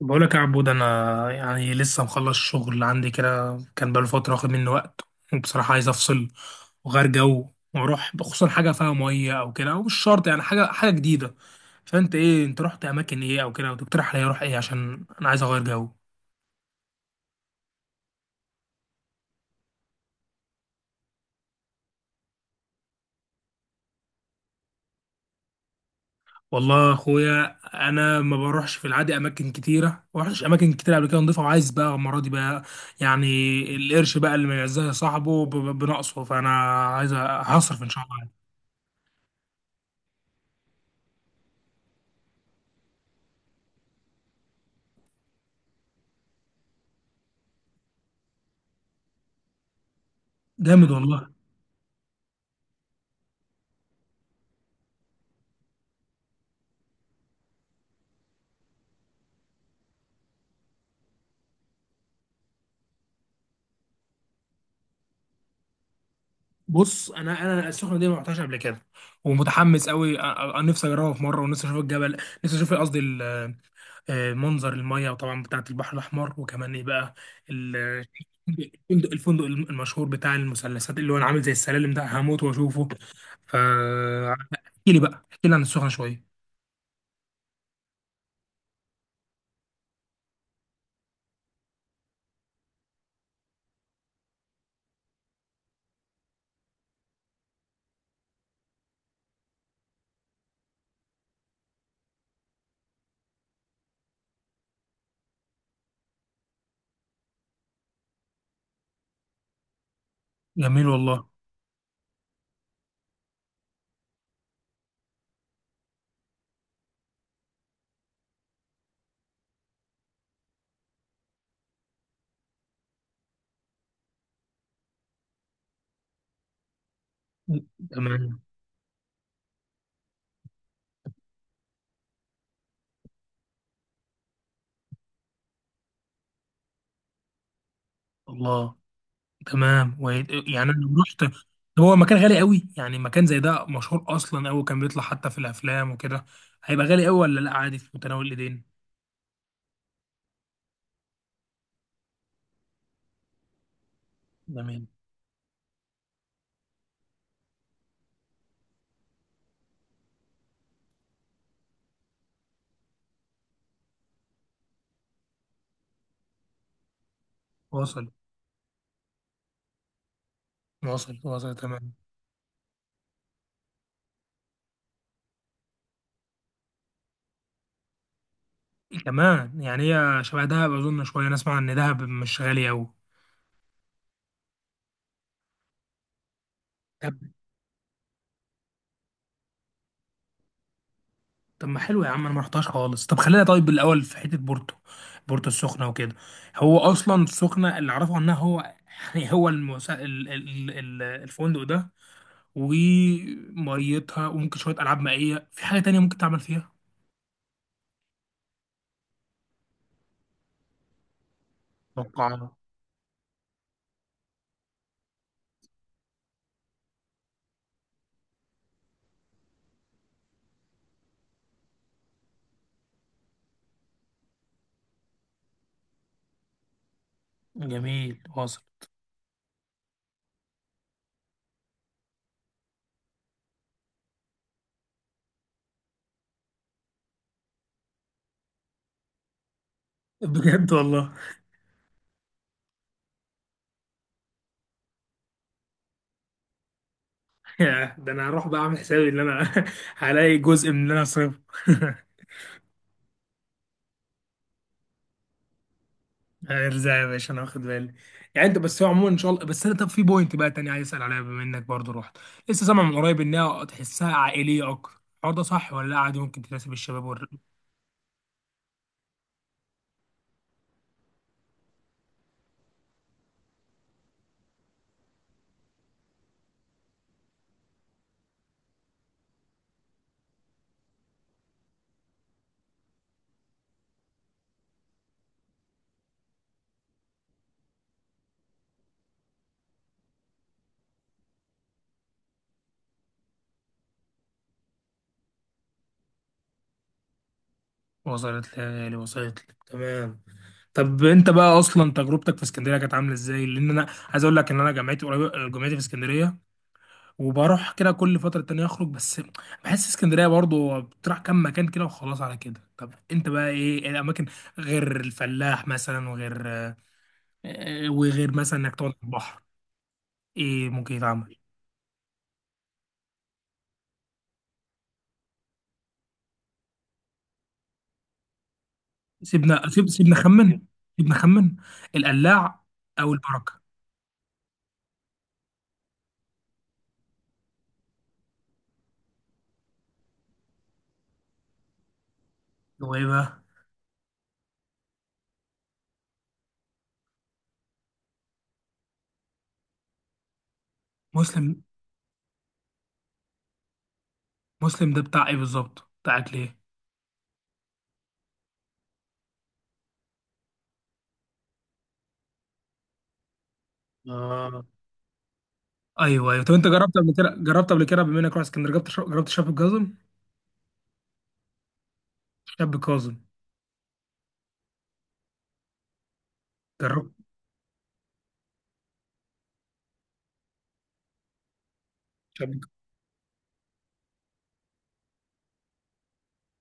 بقولك يا عبود، انا يعني لسه مخلص شغل عندي كده، كان بقاله فتره واخد مني وقت. وبصراحه عايز افصل وغير جو واروح، خصوصا حاجه فيها ميه او كده، او مش شرط يعني حاجه جديده. فانت ايه، انت رحت اماكن ايه او كده وتقترح عليا اروح ايه؟ عشان انا عايز اغير جو. والله يا اخويا، انا ما بروحش في العادي اماكن كتيره، ما رحتش اماكن كتيره قبل كده نضيفه، وعايز بقى المره دي بقى يعني القرش بقى اللي ما يعزها صاحبه بنقصه، فانا عايز هصرف ان شاء الله. جامد والله. بص انا السخنه دي ما رحتهاش قبل كده، ومتحمس قوي، نفسي اجربها في مره، ونفسي اشوف الجبل، نفسي اشوف قصدي آه، منظر الميه، وطبعا بتاعه البحر الاحمر، وكمان ايه بقى ال- الفندق، الفندق المشهور بتاع المثلثات اللي هو أنا عامل زي السلالم ده، هموت واشوفه. ف احكي لي بقى، احكي لي عن السخنه شويه. جميل والله. تمام. الله. تمام، و... يعني انا لو رحت، هو مكان غالي قوي يعني؟ مكان زي ده مشهور اصلا قوي، كان بيطلع حتى في الافلام وكده. هيبقى غالي قوي ولا لا، عادي في متناول الايدين؟ تمام، واصل. واصل واصل، تمام. كمان يعني هي شبه دهب اظن شويه، انا اسمع ان دهب مش غالي قوي. طب. طب ما حلو يا عم، انا ما رحتهاش خالص. طب خلينا طيب الاول في حته بورتو، بورتو السخنه وكده. هو اصلا السخنه اللي اعرفه عنها هو يعني هو المسا... ال... ال... ال- الفندق ده، وميتها، وممكن شوية ألعاب مائية، في حاجة تانية ممكن تعمل فيها؟ توقع. جميل، واصل. بجد والله. يا ده، انا هروح بقى اعمل حسابي ان انا هلاقي جزء من اللي انا صرفه ارزع يا باشا، انا واخد بالي. يعني انت بس هو عموما ان شاء الله، بس انا طب في بوينت بقى تاني عايز اسال عليها بما انك برضو رحت. لسه سامع من قريب انها تحسها عائليه اكتر، الحوار ده صح ولا لا، عادي ممكن تناسب الشباب وصلت لي، وصلت لي تمام. طب انت بقى اصلا تجربتك في اسكندريه كانت عامله ازاي؟ لان انا عايز اقول لك ان انا جامعتي قريبه، جامعتي في اسكندريه وبروح كده كل فتره تانية اخرج، بس بحس اسكندريه برضو بتروح كام مكان كده وخلاص على كده. طب انت بقى ايه، ايه الاماكن غير الفلاح مثلا، وغير وغير مثلا انك تقعد على البحر، ايه ممكن يتعمل؟ سيبنا خمن. سيبنا خمن. القلاع او البركه. هو ايه بقى؟ مسلم. مسلم ده بتاع ايه بالظبط، بتاع اكل؟ ايه. ايوه ايوه. طب انت جربت قبل كده، جربت قبل كده بما انك رحت اسكندريه، جربت جربت شاب كاظم؟ شاب كاظم. جربت شاب.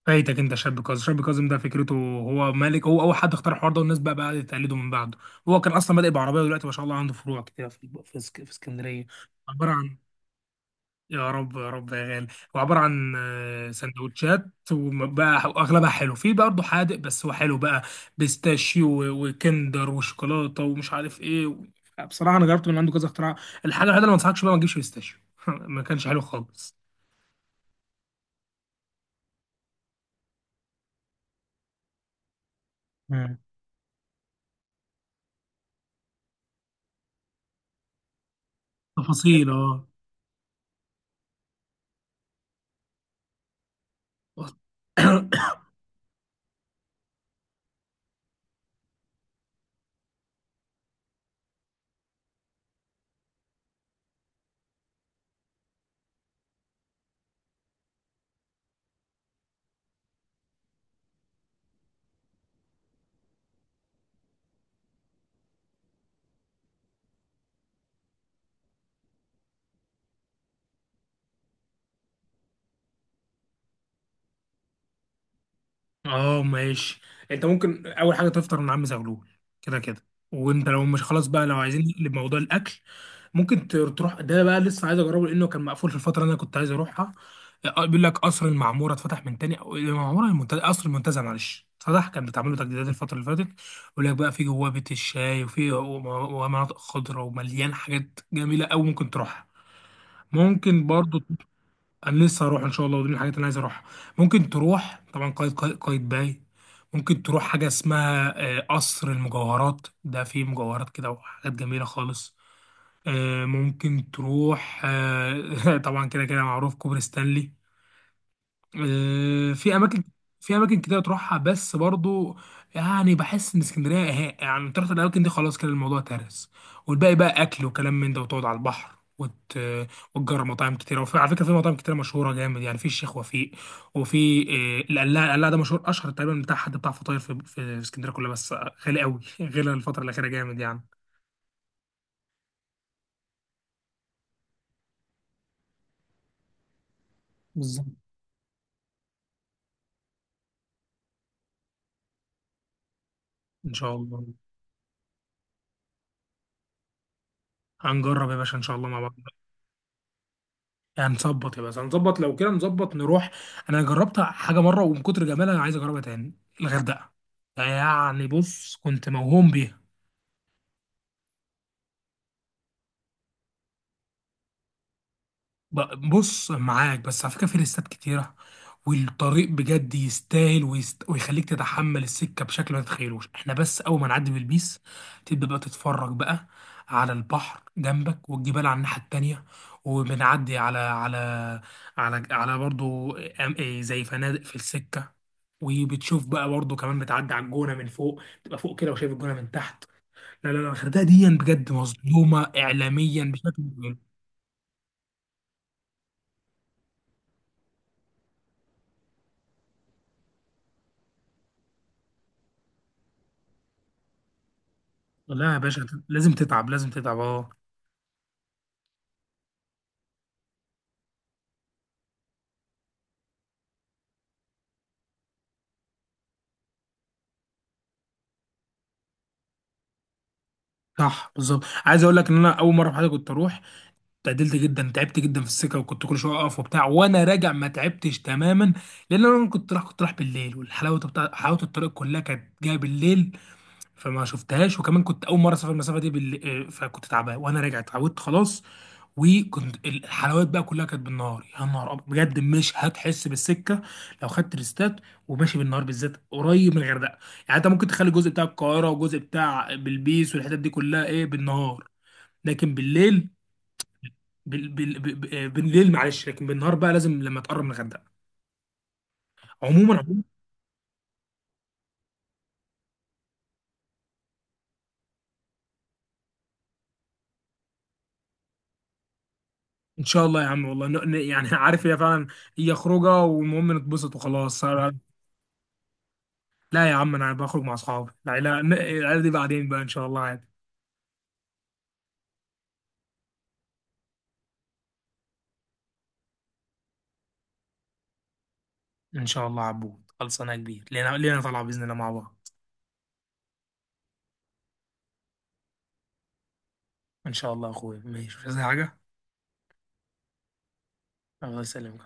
فايتك انت، شاب كاظم، شاب كاظم ده فكرته هو مالك، هو اول حد اختار الحوار ده، والناس بقى تقلده من بعده. هو كان اصلا بادئ بعربيه، ودلوقتي ما شاء الله عنده فروع كتير في اسكندريه. عباره عن، يا رب يا رب يا غالي. هو عبارة عن آه، سندوتشات، وبقى واغلبها حلو، في برضه حادق، بس هو حلو بقى، بيستاشيو وكندر وشوكولاتة ومش عارف ايه و... بصراحة انا جربت من عنده كذا اختراع. الحاجة الوحيدة اللي ما انصحكش بقى ما تجيبش بيستاشيو، ما كانش حلو خالص. مم. تفاصيل اه. اه ماشي. انت ممكن اول حاجة تفطر من عم زغلول، كده كده. وانت لو مش خلاص بقى، لو عايزين نقلب موضوع الاكل، ممكن تروح ده بقى، لسه عايز اجربه لانه كان مقفول في الفتره اللي انا كنت عايز اروحها. آه، آه، بيقول لك قصر المعموره اتفتح من تاني، او المعموره المنتزه، قصر المنتزه معلش، اتفتح، كان بتعمل له تجديدات الفتره اللي فاتت. بيقول لك بقى في جواه بيت الشاي، وفي ومناطق خضراء، ومليان حاجات جميله قوي ممكن تروحها. ممكن برضو، انا لسه هروح ان شاء الله، ودي من الحاجات اللي انا عايز اروحها. ممكن تروح طبعا قايد باي. ممكن تروح حاجه اسمها آه، قصر المجوهرات، ده فيه مجوهرات كده وحاجات جميله خالص. آه، ممكن تروح آه، طبعا كده كده معروف كوبري ستانلي. آه، في اماكن، في اماكن كتير تروحها، بس برضو يعني بحس ان اسكندريه إيه، يعني تروح الاماكن دي خلاص كده الموضوع ترس. والباقي بقى اكل وكلام من ده، وتقعد على البحر وت... وتجرب مطاعم كتيره. وفي على فكره في مطاعم كتيره مشهوره جامد يعني، في الشيخ وفيق، وفي آه، القلاع، القلاع ده مشهور، اشهر تقريبا بتاع حد بتاع فطاير في اسكندريه كلها، بس غالي قوي غير الفتره الاخيره جامد يعني. بالظبط. ان شاء الله. هنجرب يا باشا ان شاء الله مع بعض. يعني هنظبط يا باشا، هنظبط لو كده، نظبط نروح. انا جربت حاجه مره ومن كتر جمالها انا عايز اجربها تاني، الغردقه. يعني بص كنت موهوم بيها. بص معاك، بس على فكره في ليستات كتيره، والطريق بجد يستاهل، ويست... ويخليك تتحمل السكه بشكل ما تتخيلوش. احنا بس اول ما نعدي بالبيس تبدا بقى تتفرج بقى على البحر جنبك، والجبال على الناحيه التانيه، وبنعدي على برضو إيه زي فنادق في السكه، وبتشوف بقى برضو كمان بتعدي على الجونه من فوق، تبقى فوق كده وشايف الجونه من تحت. لا، الغردقه دي بجد مظلومه اعلاميا بشكل. لا يا باشا لازم تتعب، لازم تتعب اه. صح، بالظبط. عايز اقول لك ان انا اول مره في حياتي كنت اروح اتعدلت جدا، تعبت جدا في السكه وكنت كل شويه اقف وبتاع، وانا راجع ما تعبتش تماما، لان انا كنت رايح بالليل، والحلاوه حلاوه الطريق كلها كانت جايه بالليل فما شفتهاش، وكمان كنت اول مره اسافر المسافه دي بالليل، فكنت تعبان، وانا راجع اتعودت خلاص، وكنت الحلويات بقى كلها كانت بالنهار، يا نهار أبيض. بجد مش هتحس بالسكه لو خدت ريستات وماشي بالنهار، بالذات قريب من الغردقه. يعني انت ممكن تخلي الجزء بتاع القاهره، وجزء بتاع بلبيس، والحتت دي كلها ايه بالنهار، لكن بالليل بالليل معلش، لكن بالنهار بقى لازم لما تقرب من الغردقه. عموما، عموما ان شاء الله يا عم والله، يعني عارف هي فعلا، هي خروجه والمهم نتبسط وخلاص. لا يا عم، انا بخرج مع اصحابي، لا لا العيله دي بعدين بقى ان شاء الله عادي. ان شاء الله عبود، خلصانه يا كبير، لينا، لينا طالعه باذن الله مع بعض. ان شاء الله يا اخويا، ماشي، مش عايز حاجه. الله يسلمك.